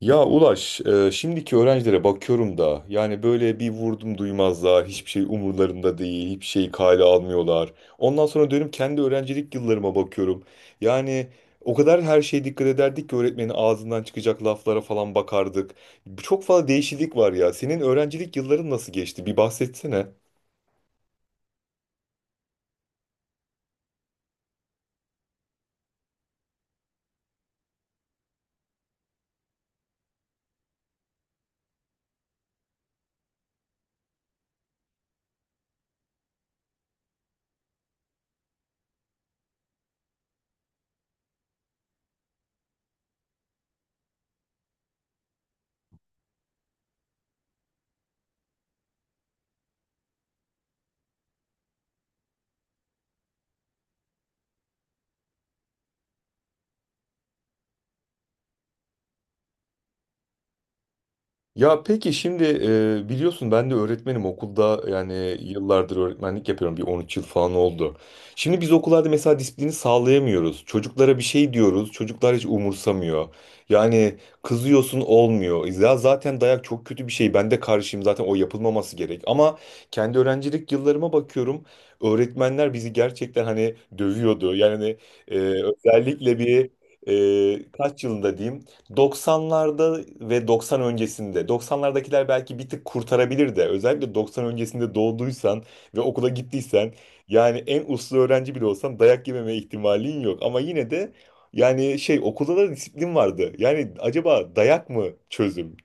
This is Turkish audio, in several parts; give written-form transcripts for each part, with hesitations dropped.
Ya Ulaş, şimdiki öğrencilere bakıyorum da yani böyle bir vurdum duymazlar, hiçbir şey umurlarında değil, hiçbir şeyi kale almıyorlar. Ondan sonra dönüp kendi öğrencilik yıllarıma bakıyorum. Yani o kadar her şeye dikkat ederdik ki öğretmenin ağzından çıkacak laflara falan bakardık. Çok fazla değişiklik var ya. Senin öğrencilik yılların nasıl geçti? Bir bahsetsene. Ya peki şimdi biliyorsun ben de öğretmenim okulda, yani yıllardır öğretmenlik yapıyorum, bir 13 yıl falan oldu. Şimdi biz okullarda mesela disiplini sağlayamıyoruz. Çocuklara bir şey diyoruz, çocuklar hiç umursamıyor. Yani kızıyorsun, olmuyor. Ya zaten dayak çok kötü bir şey, ben de karşıyım zaten, o yapılmaması gerek. Ama kendi öğrencilik yıllarıma bakıyorum, öğretmenler bizi gerçekten hani dövüyordu. Yani özellikle bir kaç yılında diyeyim, 90'larda ve 90 öncesinde. 90'lardakiler belki bir tık kurtarabilir de. Özellikle 90 öncesinde doğduysan ve okula gittiysen, yani en uslu öğrenci bile olsan dayak yememe ihtimalin yok. Ama yine de yani şey, okulda da disiplin vardı. Yani acaba dayak mı çözüm?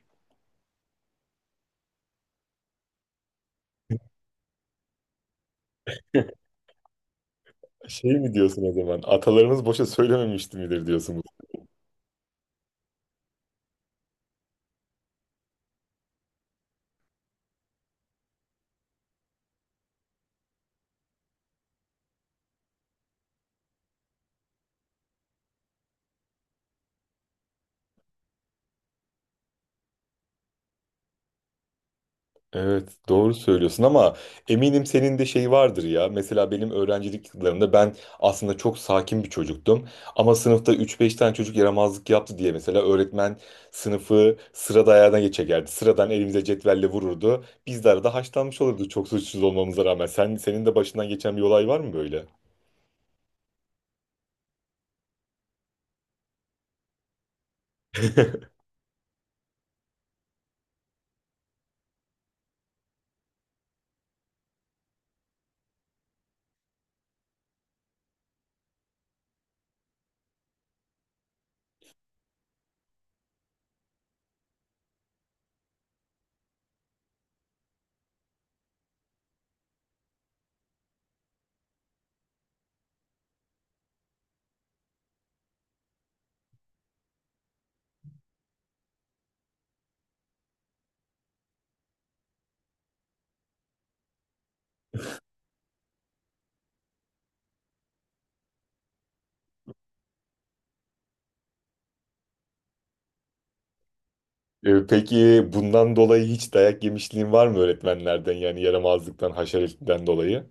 Şey mi diyorsun o zaman? Atalarımız boşa söylememişti midir diyorsun? Evet, doğru söylüyorsun ama eminim senin de şey vardır ya. Mesela benim öğrencilik yıllarımda ben aslında çok sakin bir çocuktum. Ama sınıfta üç beş tane çocuk yaramazlık yaptı diye mesela öğretmen sınıfı sıra dayağına geçerdi. Sıradan elimize cetvelle vururdu. Biz de arada haşlanmış olurdu, çok suçsuz olmamıza rağmen. Senin de başından geçen bir olay var mı böyle? Peki bundan dolayı hiç dayak yemişliğin var mı öğretmenlerden, yani yaramazlıktan, haşeretinden dolayı?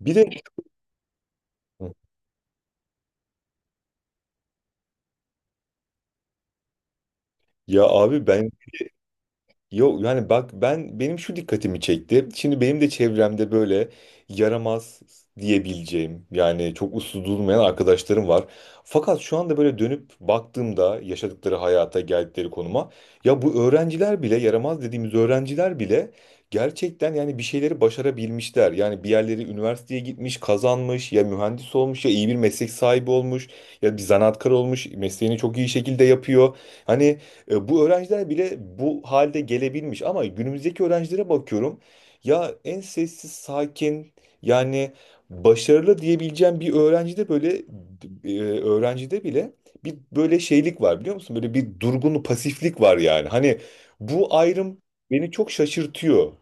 Bir de, ya abi ben. Yok, yani bak, benim şu dikkatimi çekti. Şimdi benim de çevremde böyle yaramaz diyebileceğim, yani çok uslu durmayan arkadaşlarım var. Fakat şu anda böyle dönüp baktığımda yaşadıkları hayata, geldikleri konuma, ya bu öğrenciler bile, yaramaz dediğimiz öğrenciler bile gerçekten yani bir şeyleri başarabilmişler. Yani bir yerleri üniversiteye gitmiş, kazanmış, ya mühendis olmuş, ya iyi bir meslek sahibi olmuş, ya bir zanaatkar olmuş, mesleğini çok iyi şekilde yapıyor. Hani bu öğrenciler bile bu halde gelebilmiş, ama günümüzdeki öğrencilere bakıyorum. Ya en sessiz, sakin, yani başarılı diyebileceğim bir öğrencide böyle öğrencide bile bir böyle şeylik var, biliyor musun? Böyle bir durgun pasiflik var yani. Hani bu ayrım beni çok şaşırtıyor.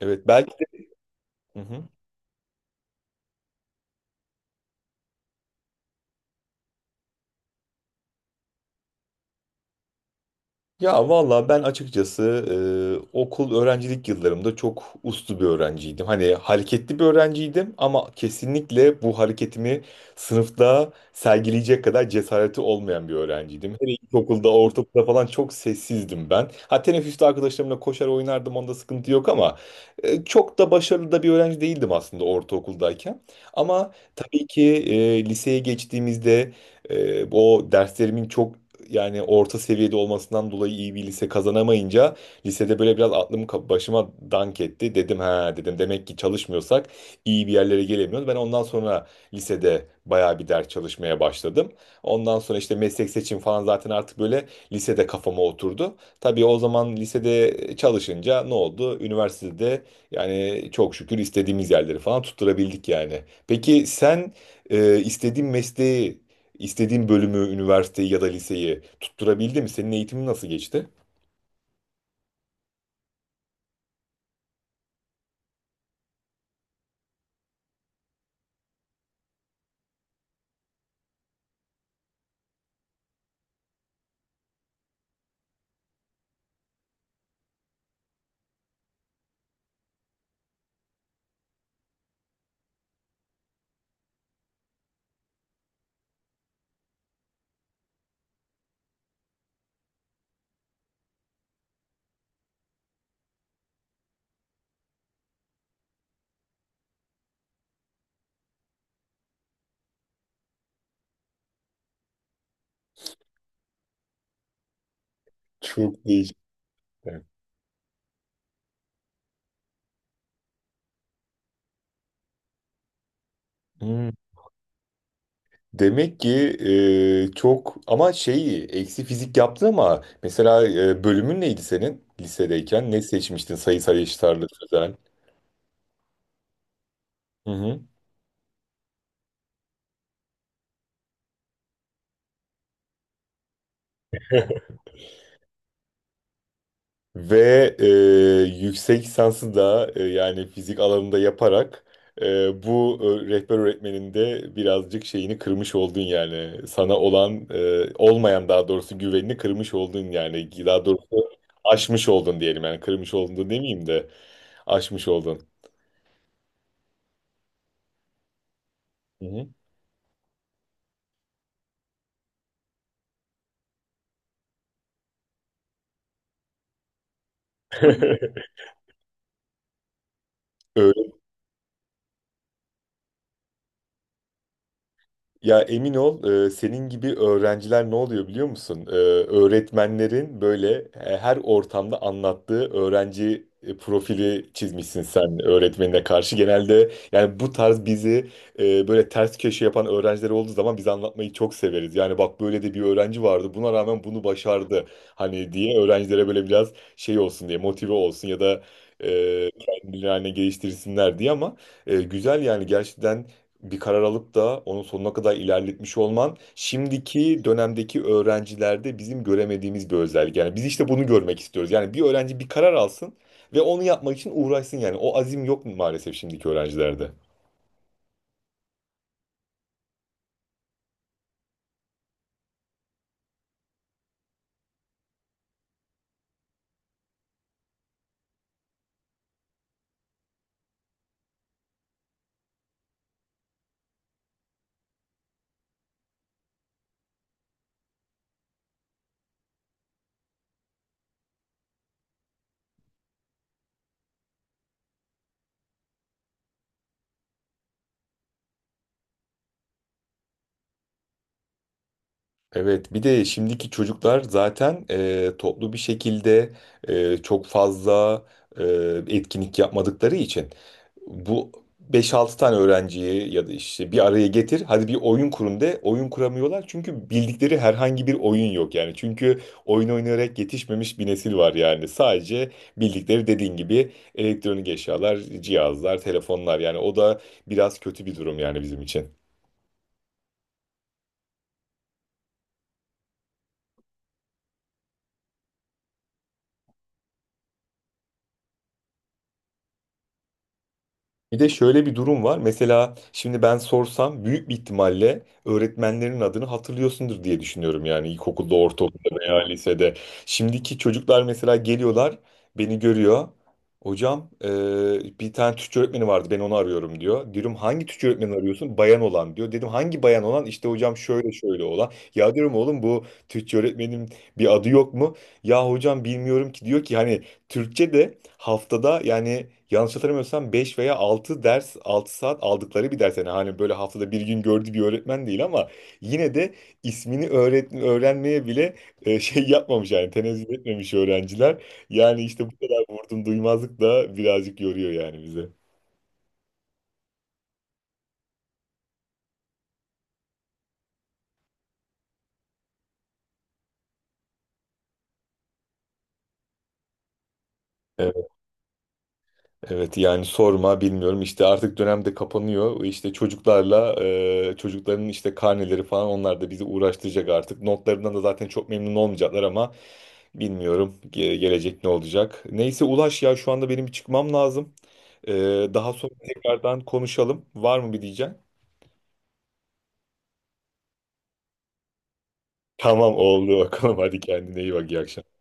Evet, belki de. Hı hı. Ya valla ben açıkçası e, okul öğrencilik yıllarımda çok uslu bir öğrenciydim. Hani hareketli bir öğrenciydim ama kesinlikle bu hareketimi sınıfta sergileyecek kadar cesareti olmayan bir öğrenciydim. Hele ilkokulda, ortaokulda falan çok sessizdim ben. Ha, teneffüste arkadaşlarımla koşar oynardım, onda sıkıntı yok, ama çok da başarılı da bir öğrenci değildim aslında ortaokuldayken. Ama tabii ki liseye geçtiğimizde o derslerimin çok yani orta seviyede olmasından dolayı iyi bir lise kazanamayınca, lisede böyle biraz başıma dank etti. Dedim ha, dedim demek ki çalışmıyorsak iyi bir yerlere gelemiyoruz. Ben ondan sonra lisede bayağı bir ders çalışmaya başladım. Ondan sonra işte meslek seçim falan zaten artık böyle lisede kafama oturdu. Tabii o zaman lisede çalışınca ne oldu? Üniversitede yani çok şükür istediğimiz yerleri falan tutturabildik yani. Peki sen istediğin mesleği, İstediğin bölümü, üniversiteyi ya da liseyi tutturabildin mi? Senin eğitimin nasıl geçti? Çok değişik. Hmm. Demek ki çok, ama şey, eksi fizik yaptı. Ama mesela bölümün neydi senin lisedeyken? Ne seçmiştin? Sayısal, eşit ağırlık, sözel. Hı hı. Ve e, yüksek lisansı da yani fizik alanında yaparak bu rehber öğretmenin de birazcık şeyini kırmış oldun yani. Sana olan, olmayan daha doğrusu, güvenini kırmış oldun yani. Daha doğrusu aşmış oldun diyelim yani. Kırmış oldun demeyeyim de, aşmış oldun. Hı hı. Ya emin ol, senin gibi öğrenciler ne oluyor biliyor musun? Öğretmenlerin böyle her ortamda anlattığı öğrenci profili çizmişsin sen öğretmenine karşı. Genelde yani bu tarz bizi böyle ters köşe yapan öğrenciler olduğu zaman biz anlatmayı çok severiz. Yani bak, böyle de bir öğrenci vardı, buna rağmen bunu başardı hani diye, öğrencilere böyle biraz şey olsun diye, motive olsun ya da kendilerini geliştirsinler diye. Ama güzel yani, gerçekten bir karar alıp da onun sonuna kadar ilerletmiş olman şimdiki dönemdeki öğrencilerde bizim göremediğimiz bir özellik. Yani biz işte bunu görmek istiyoruz. Yani bir öğrenci bir karar alsın ve onu yapmak için uğraşsın yani. O azim yok mu maalesef şimdiki öğrencilerde. Evet, bir de şimdiki çocuklar zaten toplu bir şekilde çok fazla e, etkinlik yapmadıkları için, bu beş altı tane öğrenciyi ya da işte bir araya getir. Hadi bir oyun kurun de. Oyun kuramıyorlar çünkü bildikleri herhangi bir oyun yok yani. Çünkü oyun oynayarak yetişmemiş bir nesil var yani. Sadece bildikleri dediğin gibi elektronik eşyalar, cihazlar, telefonlar, yani o da biraz kötü bir durum yani bizim için. Bir de şöyle bir durum var. Mesela şimdi ben sorsam büyük bir ihtimalle öğretmenlerin adını hatırlıyorsundur diye düşünüyorum. Yani ilkokulda, ortaokulda veya lisede. Şimdiki çocuklar mesela geliyorlar, beni görüyor. Hocam bir tane Türkçe öğretmeni vardı, ben onu arıyorum diyor. Diyorum hangi Türkçe öğretmeni arıyorsun? Bayan olan diyor. Dedim hangi bayan olan? İşte hocam şöyle şöyle olan. Ya diyorum oğlum, bu Türkçe öğretmenin bir adı yok mu? Ya hocam bilmiyorum ki diyor ki, hani Türkçe de haftada, yani yanlış hatırlamıyorsam 5 veya 6 ders, 6 saat aldıkları bir ders yani, hani böyle haftada bir gün gördüğü bir öğretmen değil, ama yine de ismini öğrenmeye bile şey yapmamış, yani tenezzül etmemiş öğrenciler. Yani işte bu kadar vurdum duymazlık da birazcık yoruyor yani bize. Evet, evet yani sorma, bilmiyorum işte, artık dönemde kapanıyor işte çocuklarla, çocukların işte karneleri falan, onlar da bizi uğraştıracak, artık notlarından da zaten çok memnun olmayacaklar, ama bilmiyorum gelecek ne olacak. Neyse Ulaş, ya şu anda benim bir çıkmam lazım. Ee, daha sonra tekrardan konuşalım. Var mı bir diyeceğim? Tamam, oldu bakalım, hadi kendine iyi bak, iyi akşamlar.